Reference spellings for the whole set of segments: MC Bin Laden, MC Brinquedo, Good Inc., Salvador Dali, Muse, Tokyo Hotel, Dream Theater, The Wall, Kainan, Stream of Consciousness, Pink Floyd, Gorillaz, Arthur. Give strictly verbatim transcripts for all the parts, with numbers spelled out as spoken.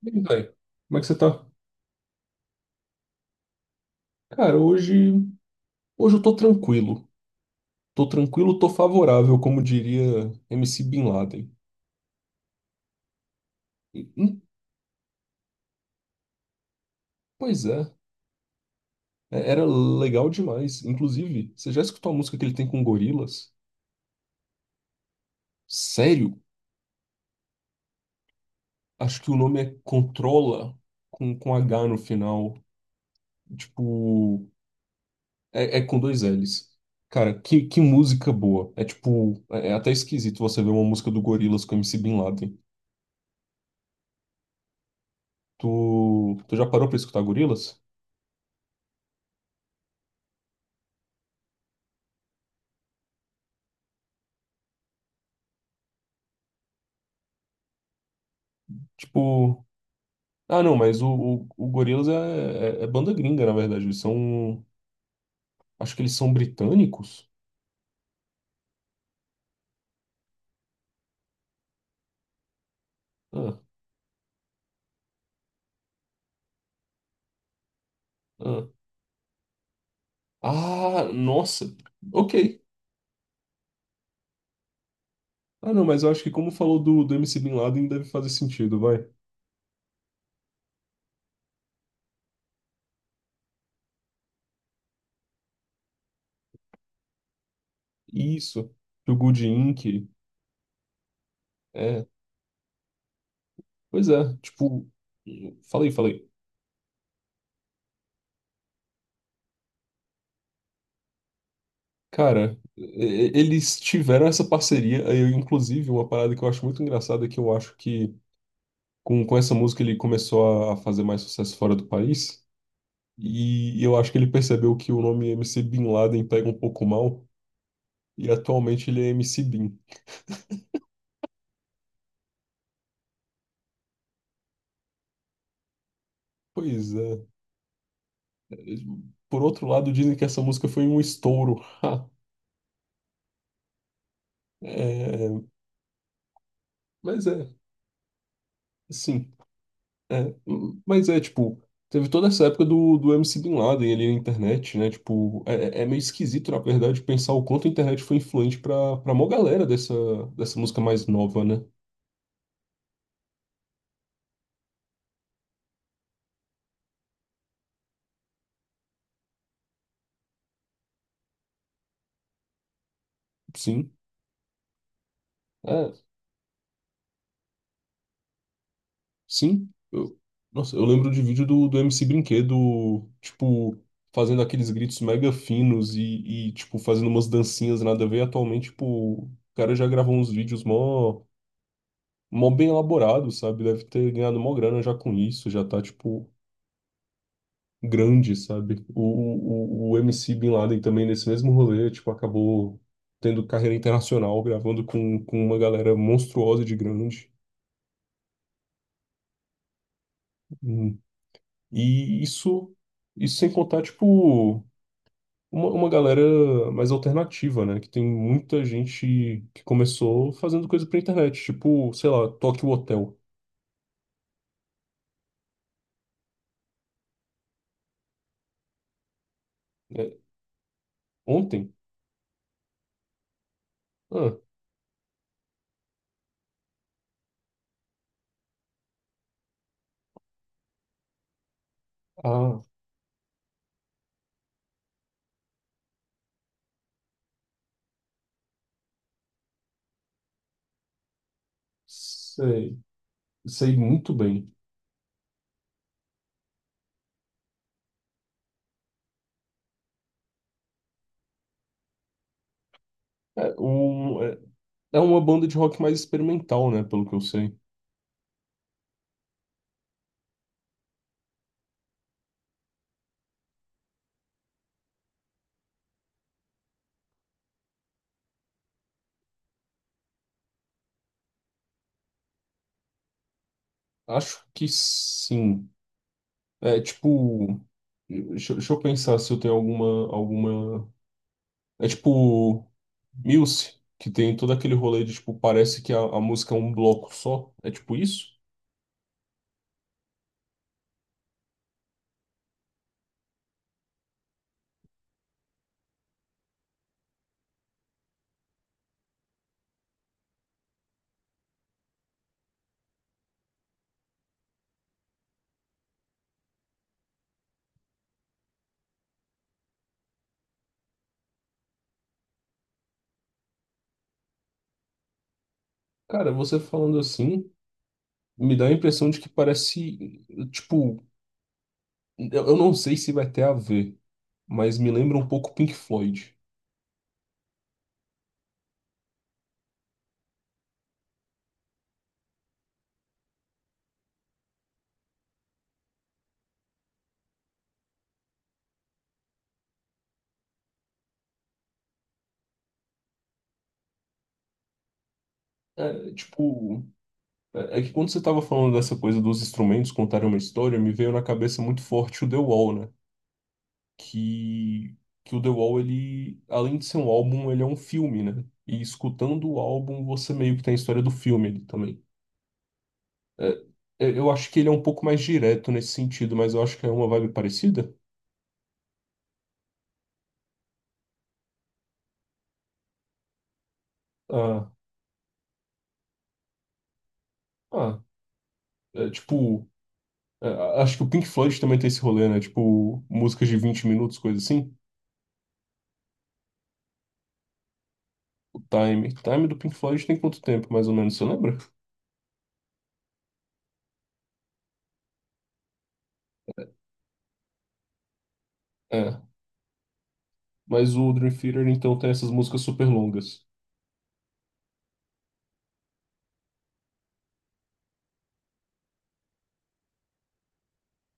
Bem, velho, como é que você tá? Cara, hoje, hoje eu tô tranquilo. Tô tranquilo, tô favorável, como diria M C Bin Laden. E- e- Pois é, é, era legal demais. Inclusive, você já escutou a música que ele tem com Gorilas? Sério? Acho que o nome é Controla, com, com H no final. Tipo, é, é com dois L's. Cara, que, que música boa. É tipo, é, é até esquisito você ver uma música do Gorilas com M C Bin Laden. Tu, tu já parou pra escutar Gorilas? Tipo. Ah, não, mas o, o, o Gorillaz é, é, é banda gringa, na verdade. Eles são. Acho que eles são britânicos? Ah, ah. Ah, nossa. Ok. Ah, não, mas eu acho que como falou do, do M C Bin Laden, deve fazer sentido, vai. Isso. Do Good Inc. É. Pois é. Tipo. Falei, falei. Cara, e- e- eles tiveram essa parceria. Aí, eu, inclusive, uma parada que eu acho muito engraçada é que eu acho que com, com essa música ele começou a fazer mais sucesso fora do país. E eu acho que ele percebeu que o nome M C Bin Laden pega um pouco mal, e atualmente ele é M C Bin. Pois é. Por outro lado, dizem que essa música foi um estouro. Ha. É, mas é, sim. É, mas é, tipo, teve toda essa época do, do M C Bin Laden ali na internet, né? Tipo, é, é meio esquisito, na verdade, pensar o quanto a internet foi influente pra, pra mó galera dessa, dessa música mais nova, né? Sim. É. Sim, eu, nossa, eu lembro de vídeo do, do M C Brinquedo, tipo, fazendo aqueles gritos mega finos e, e, tipo, fazendo umas dancinhas nada a ver. Atualmente, tipo, o cara já gravou uns vídeos mó, mó bem elaborados, sabe? Deve ter ganhado mó grana já com isso, já tá, tipo, grande, sabe? O, o, o M C Bin Laden também, nesse mesmo rolê, tipo, acabou tendo carreira internacional, gravando com, com uma galera monstruosa de grande. Hum. E isso, isso sem contar, tipo. Uma, uma galera mais alternativa, né? Que tem muita gente que começou fazendo coisa pra internet, tipo, sei lá, Tokyo Hotel. É, ontem? Ah, ah, sei, sei muito bem. É, um, é, é uma banda de rock mais experimental, né? Pelo que eu sei. Acho que sim. É tipo. Deixa, deixa eu pensar se eu tenho alguma, alguma. É tipo. Muse, que tem todo aquele rolê de tipo, parece que a, a música é um bloco só. É tipo isso? Cara, você falando assim, me dá a impressão de que parece, tipo, eu eu não sei se vai ter a ver, mas me lembra um pouco Pink Floyd. É, tipo, é é que quando você tava falando dessa coisa dos instrumentos contarem uma história, me veio na cabeça muito forte o The Wall, né? Que, que o The Wall, ele, além de ser um álbum, ele é um filme, né? E escutando o álbum, você meio que tem a história do filme ali também. É, É, eu acho que ele é um pouco mais direto nesse sentido, mas eu acho que é uma vibe parecida. Ah. Ah, é, tipo, é, acho que o Pink Floyd também tem esse rolê, né? Tipo, músicas de vinte minutos, coisa assim. O time. O time do Pink Floyd tem quanto tempo, mais ou menos, você lembra? É. Mas o Dream Theater, então, tem essas músicas super longas.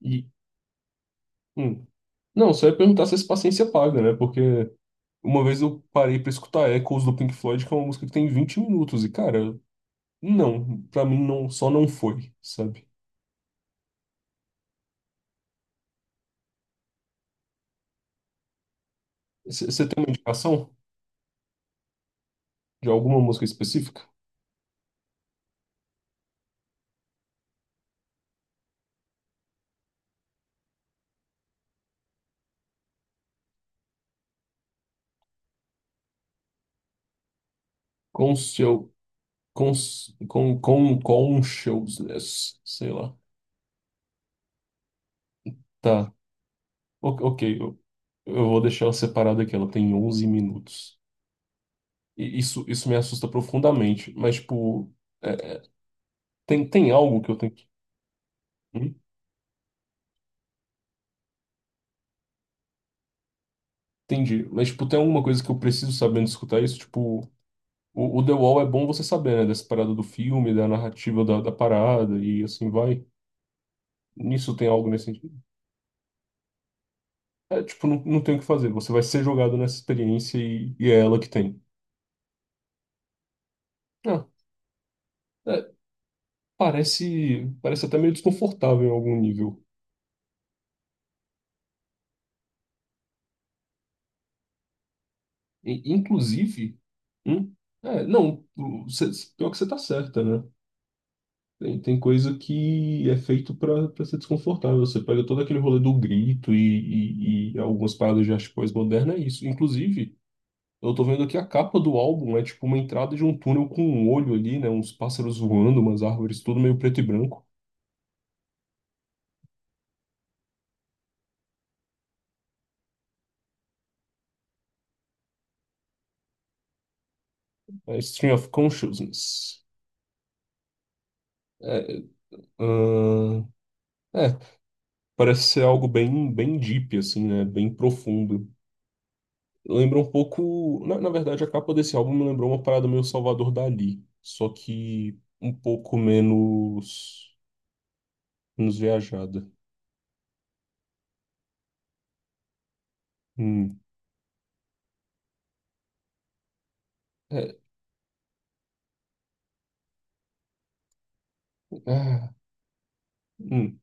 E, hum. Não, só ia perguntar se essa paciência paga, né? Porque uma vez eu parei pra escutar Echoes do Pink Floyd, que é uma música que tem vinte minutos. E, cara, não. Pra mim, não, só não foi, sabe? Você tem uma indicação de alguma música específica? Conscious. Cons, com, com, com um showsless, sei lá. Tá, O- ok, eu, eu vou deixar ela separada aqui, ela tem onze minutos. E isso, isso me assusta profundamente, mas, tipo, é, tem, tem algo que eu tenho que... Hum? Entendi, mas, tipo, tem alguma coisa que eu preciso saber antes de escutar isso? Tipo, o, o The Wall é bom você saber, né, dessa parada do filme, da narrativa da, da parada e assim vai. Nisso tem algo nesse sentido? É, tipo, não, não tem o que fazer, você vai ser jogado nessa experiência e, e é ela que tem. Ah. é, Parece, parece até meio desconfortável em algum nível. E, inclusive, hum, é, não, o- cê- pior que você tá certa, né? Tem, tem coisa que é feito pra pra ser desconfortável. Você pega todo aquele rolê do grito e, e, e algumas paradas de arte pós-moderna, é isso. Inclusive, eu tô vendo aqui a capa do álbum, é tipo uma entrada de um túnel com um olho ali, né? Uns pássaros voando, umas árvores, tudo meio preto e branco. É Stream of Consciousness. É, ahn, é, parece ser algo bem, bem deep, assim, né? Bem profundo. Lembra um pouco. Na, na verdade, a capa desse álbum me lembrou uma parada meio Salvador Dali, só que um pouco menos, menos viajada. Hum. É, ah, hum.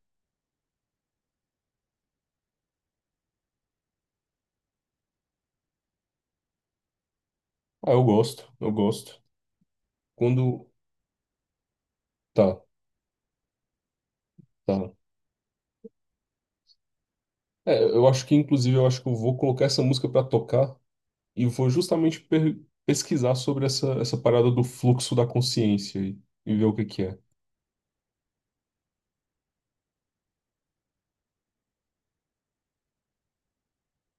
Ah, eu gosto, eu gosto. Quando. Tá, tá. É, eu acho que, inclusive, eu acho que eu vou colocar essa música pra tocar e vou justamente per- pesquisar sobre essa, essa parada do fluxo da consciência e, e ver o que que é.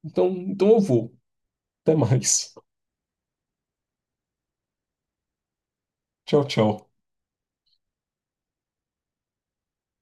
Então, então eu vou. Até mais. Tchau, tchau.